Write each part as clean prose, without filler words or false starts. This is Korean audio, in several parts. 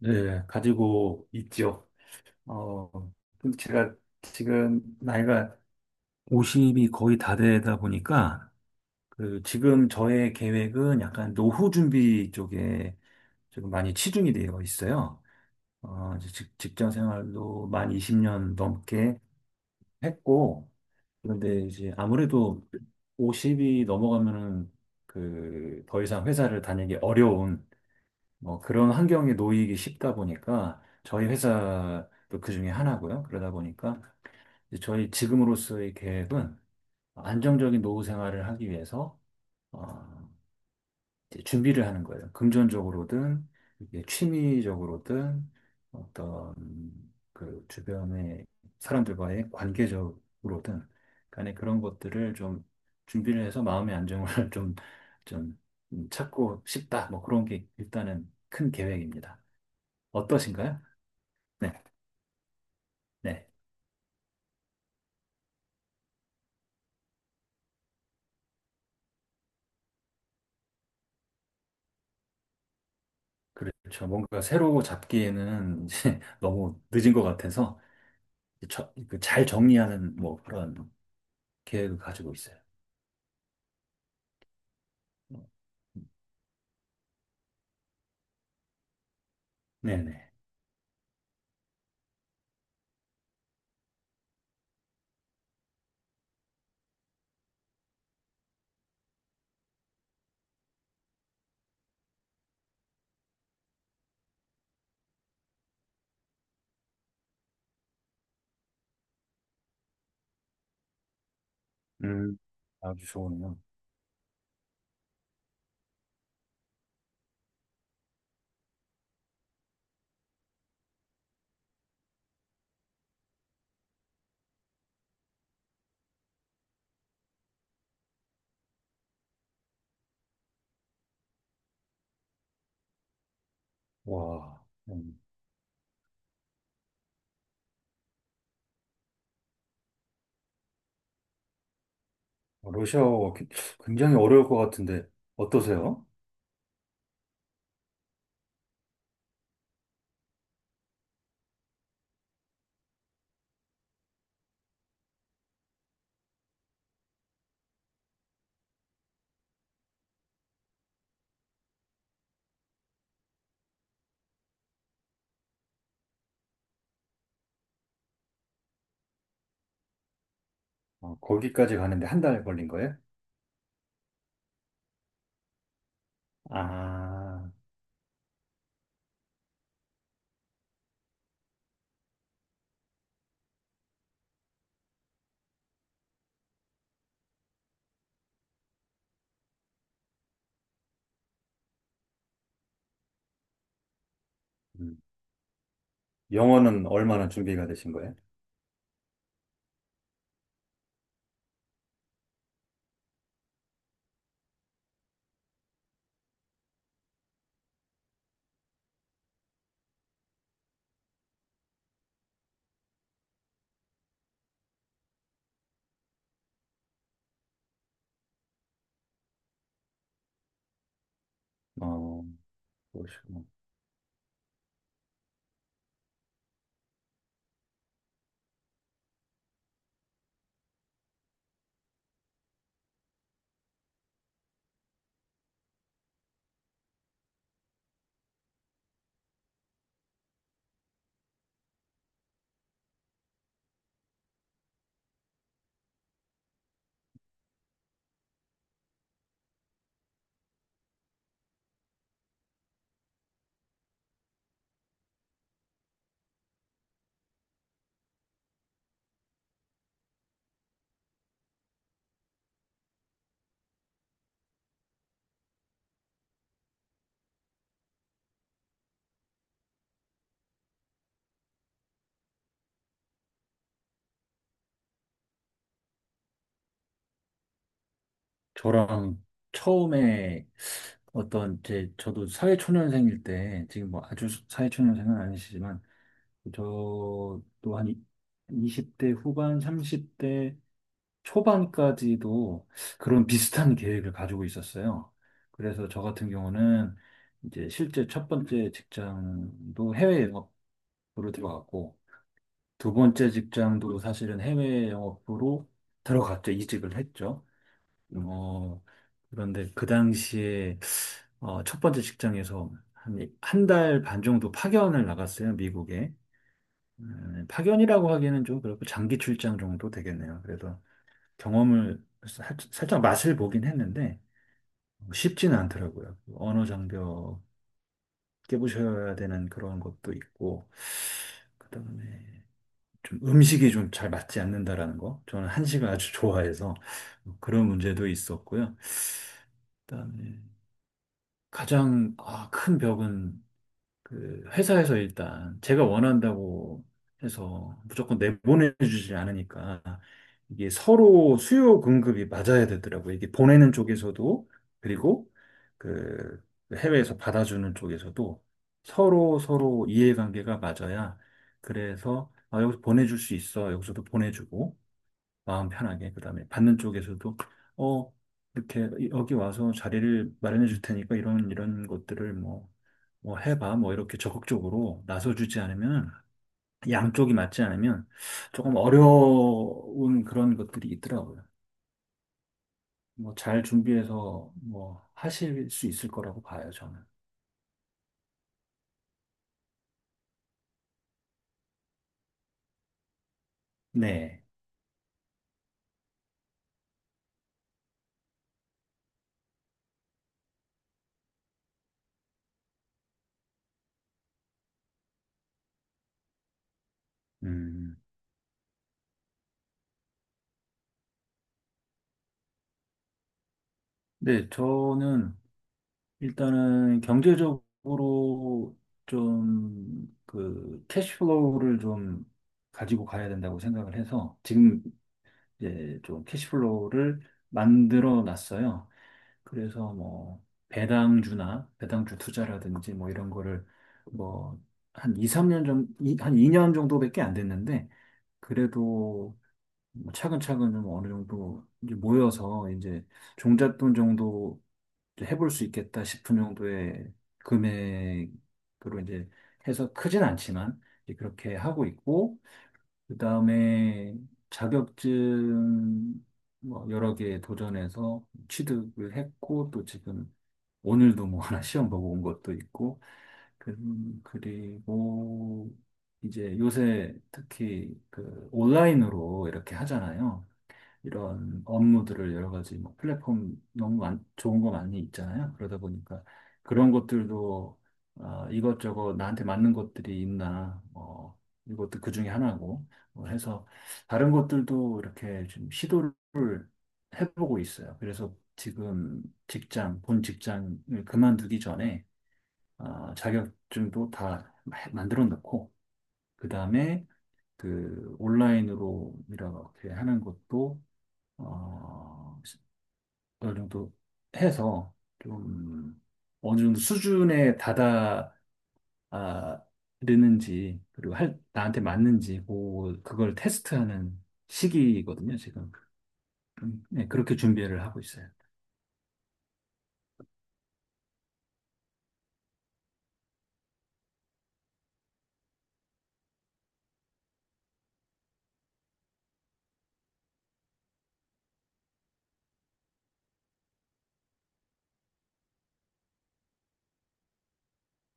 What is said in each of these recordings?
네, 가지고 있죠. 어, 근데 제가 지금 나이가 50이 거의 다 되다 보니까, 그, 지금 저의 계획은 약간 노후 준비 쪽에 지금 많이 치중이 되어 있어요. 이제 직장 생활도 만 20년 넘게 했고, 그런데 이제 아무래도 50이 넘어가면은 그, 더 이상 회사를 다니기 어려운 뭐 그런 환경에 놓이기 쉽다 보니까 저희 회사도 그 중에 하나고요. 그러다 보니까 이제 저희 지금으로서의 계획은 안정적인 노후 생활을 하기 위해서 어, 이제 준비를 하는 거예요. 금전적으로든 이게 취미적으로든 어떤 그 주변의 사람들과의 관계적으로든 간에 그런 것들을 좀 준비를 해서 마음의 안정을 좀, 찾고 싶다. 뭐 그런 게 일단은 큰 계획입니다. 어떠신가요? 네, 네. 그렇죠. 뭔가 새로 잡기에는 이제 너무 늦은 것 같아서 그잘 정리하는 뭐 그런 계획을 가지고 있어요. 네네. 음, 아주 좋으네요. 와, 러시아어 굉장히 어려울 것 같은데 어떠세요? 거기까지 가는데 한 달 걸린 거예요? 아, 음. 영어는 얼마나 준비가 되신 거예요? 어, 그러시구나. 저랑 처음에 어떤 제 저도 사회초년생일 때 지금 뭐 아주 사회초년생은 아니시지만 저도 한 20대 후반, 30대 초반까지도 그런 비슷한 계획을 가지고 있었어요. 그래서 저 같은 경우는 이제 실제 첫 번째 직장도 해외 영업으로 들어갔고 두 번째 직장도 사실은 해외 영업으로 들어갔죠. 이직을 했죠. 어, 그런데 그 당시에 첫 번째 직장에서 한, 한 달 반 정도 파견을 나갔어요, 미국에. 파견이라고 하기에는 좀 그렇고 장기 출장 정도 되겠네요. 그래서 경험을 살짝 맛을 보긴 했는데 쉽지는 않더라고요. 그 언어 장벽 깨부셔야 되는 그런 것도 있고, 그다음에 좀 음식이 좀 잘 맞지 않는다라는 거. 저는 한식을 아주 좋아해서 뭐 그런 문제도 있었고요. 그다음에 가장 큰 벽은 그 회사에서 일단 제가 원한다고 해서 무조건 내보내주지 않으니까 이게 서로 수요 공급이 맞아야 되더라고요. 이게 보내는 쪽에서도 그리고 그 해외에서 받아주는 쪽에서도 서로 서로 이해관계가 맞아야 그래서 아, 여기서 보내줄 수 있어. 여기서도 보내주고 마음 편하게 그다음에 받는 쪽에서도 어 이렇게 여기 와서 자리를 마련해 줄 테니까 이런 이런 것들을 뭐 뭐 해봐 뭐 이렇게 적극적으로 나서주지 않으면 양쪽이 맞지 않으면 조금 어려운 그런 것들이 있더라고요. 뭐 잘 준비해서 뭐 하실 수 있을 거라고 봐요 저는. 네. 음. 네 저는 일단은 경제적으로 좀 그 캐시플로우를 좀 가지고 가야 된다고 생각을 해서 지금 이제 좀 캐시플로우를 만들어 놨어요. 그래서 뭐 배당주나 배당주 투자라든지 뭐 이런 거를 뭐 한 2, 3년 정도, 한 2년 정도밖에 안 됐는데 그래도 뭐 차근차근 좀 어느 정도 이제 모여서 이제 종잣돈 정도 해볼 수 있겠다 싶은 정도의 금액으로 이제 해서 크진 않지만 이제 그렇게 하고 있고 그다음에 자격증 뭐 여러 개 도전해서 취득을 했고 또 지금 오늘도 뭐 하나 시험 보고 온 것도 있고 그리고 이제 요새 특히 그 온라인으로 이렇게 하잖아요. 이런 업무들을 여러 가지 뭐 플랫폼 너무 좋은 거 많이 있잖아요. 그러다 보니까 그런 것들도 아, 이것저것 나한테 맞는 것들이 있나 뭐 이것도 그 중에 하나고 뭐 해서 다른 것들도 이렇게 좀 시도를 해보고 있어요. 그래서 지금 직장, 본 직장을 그만두기 전에 아, 자격증도 다 만들어 놓고 그 다음에 그 온라인으로 이렇게 하는 것도 어, 어느 정도 해서 좀 어느 정도 수준에 다다르는지 그리고 나한테 맞는지 그걸 테스트하는 시기거든요, 지금. 네, 그렇게 준비를 하고 있어요.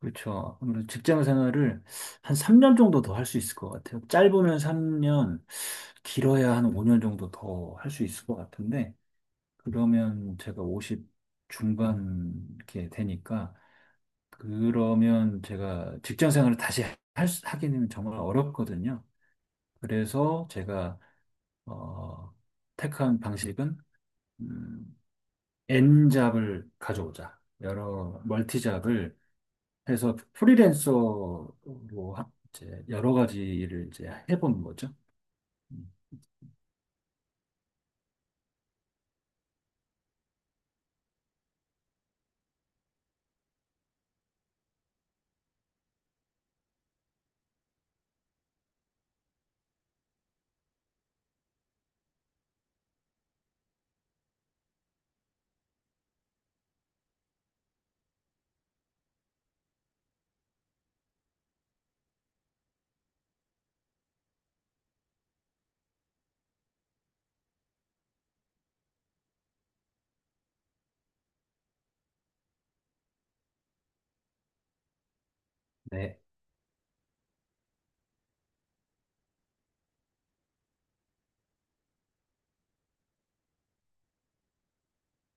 그렇죠. 아무래도 직장 생활을 한 3년 정도 더 할 수 있을 것 같아요. 짧으면 3년, 길어야 한 5년 정도 더 할 수 있을 것 같은데, 그러면 제가 50 중반 이렇게 되니까, 그러면 제가 직장 생활을 다시 하게 되면 정말 어렵거든요. 그래서 제가 어, 택한 방식은 음, N잡을 가져오자. 여러 멀티잡을 해서 프리랜서로 이제 여러 가지 일을 이제 해본 거죠. 음, 네.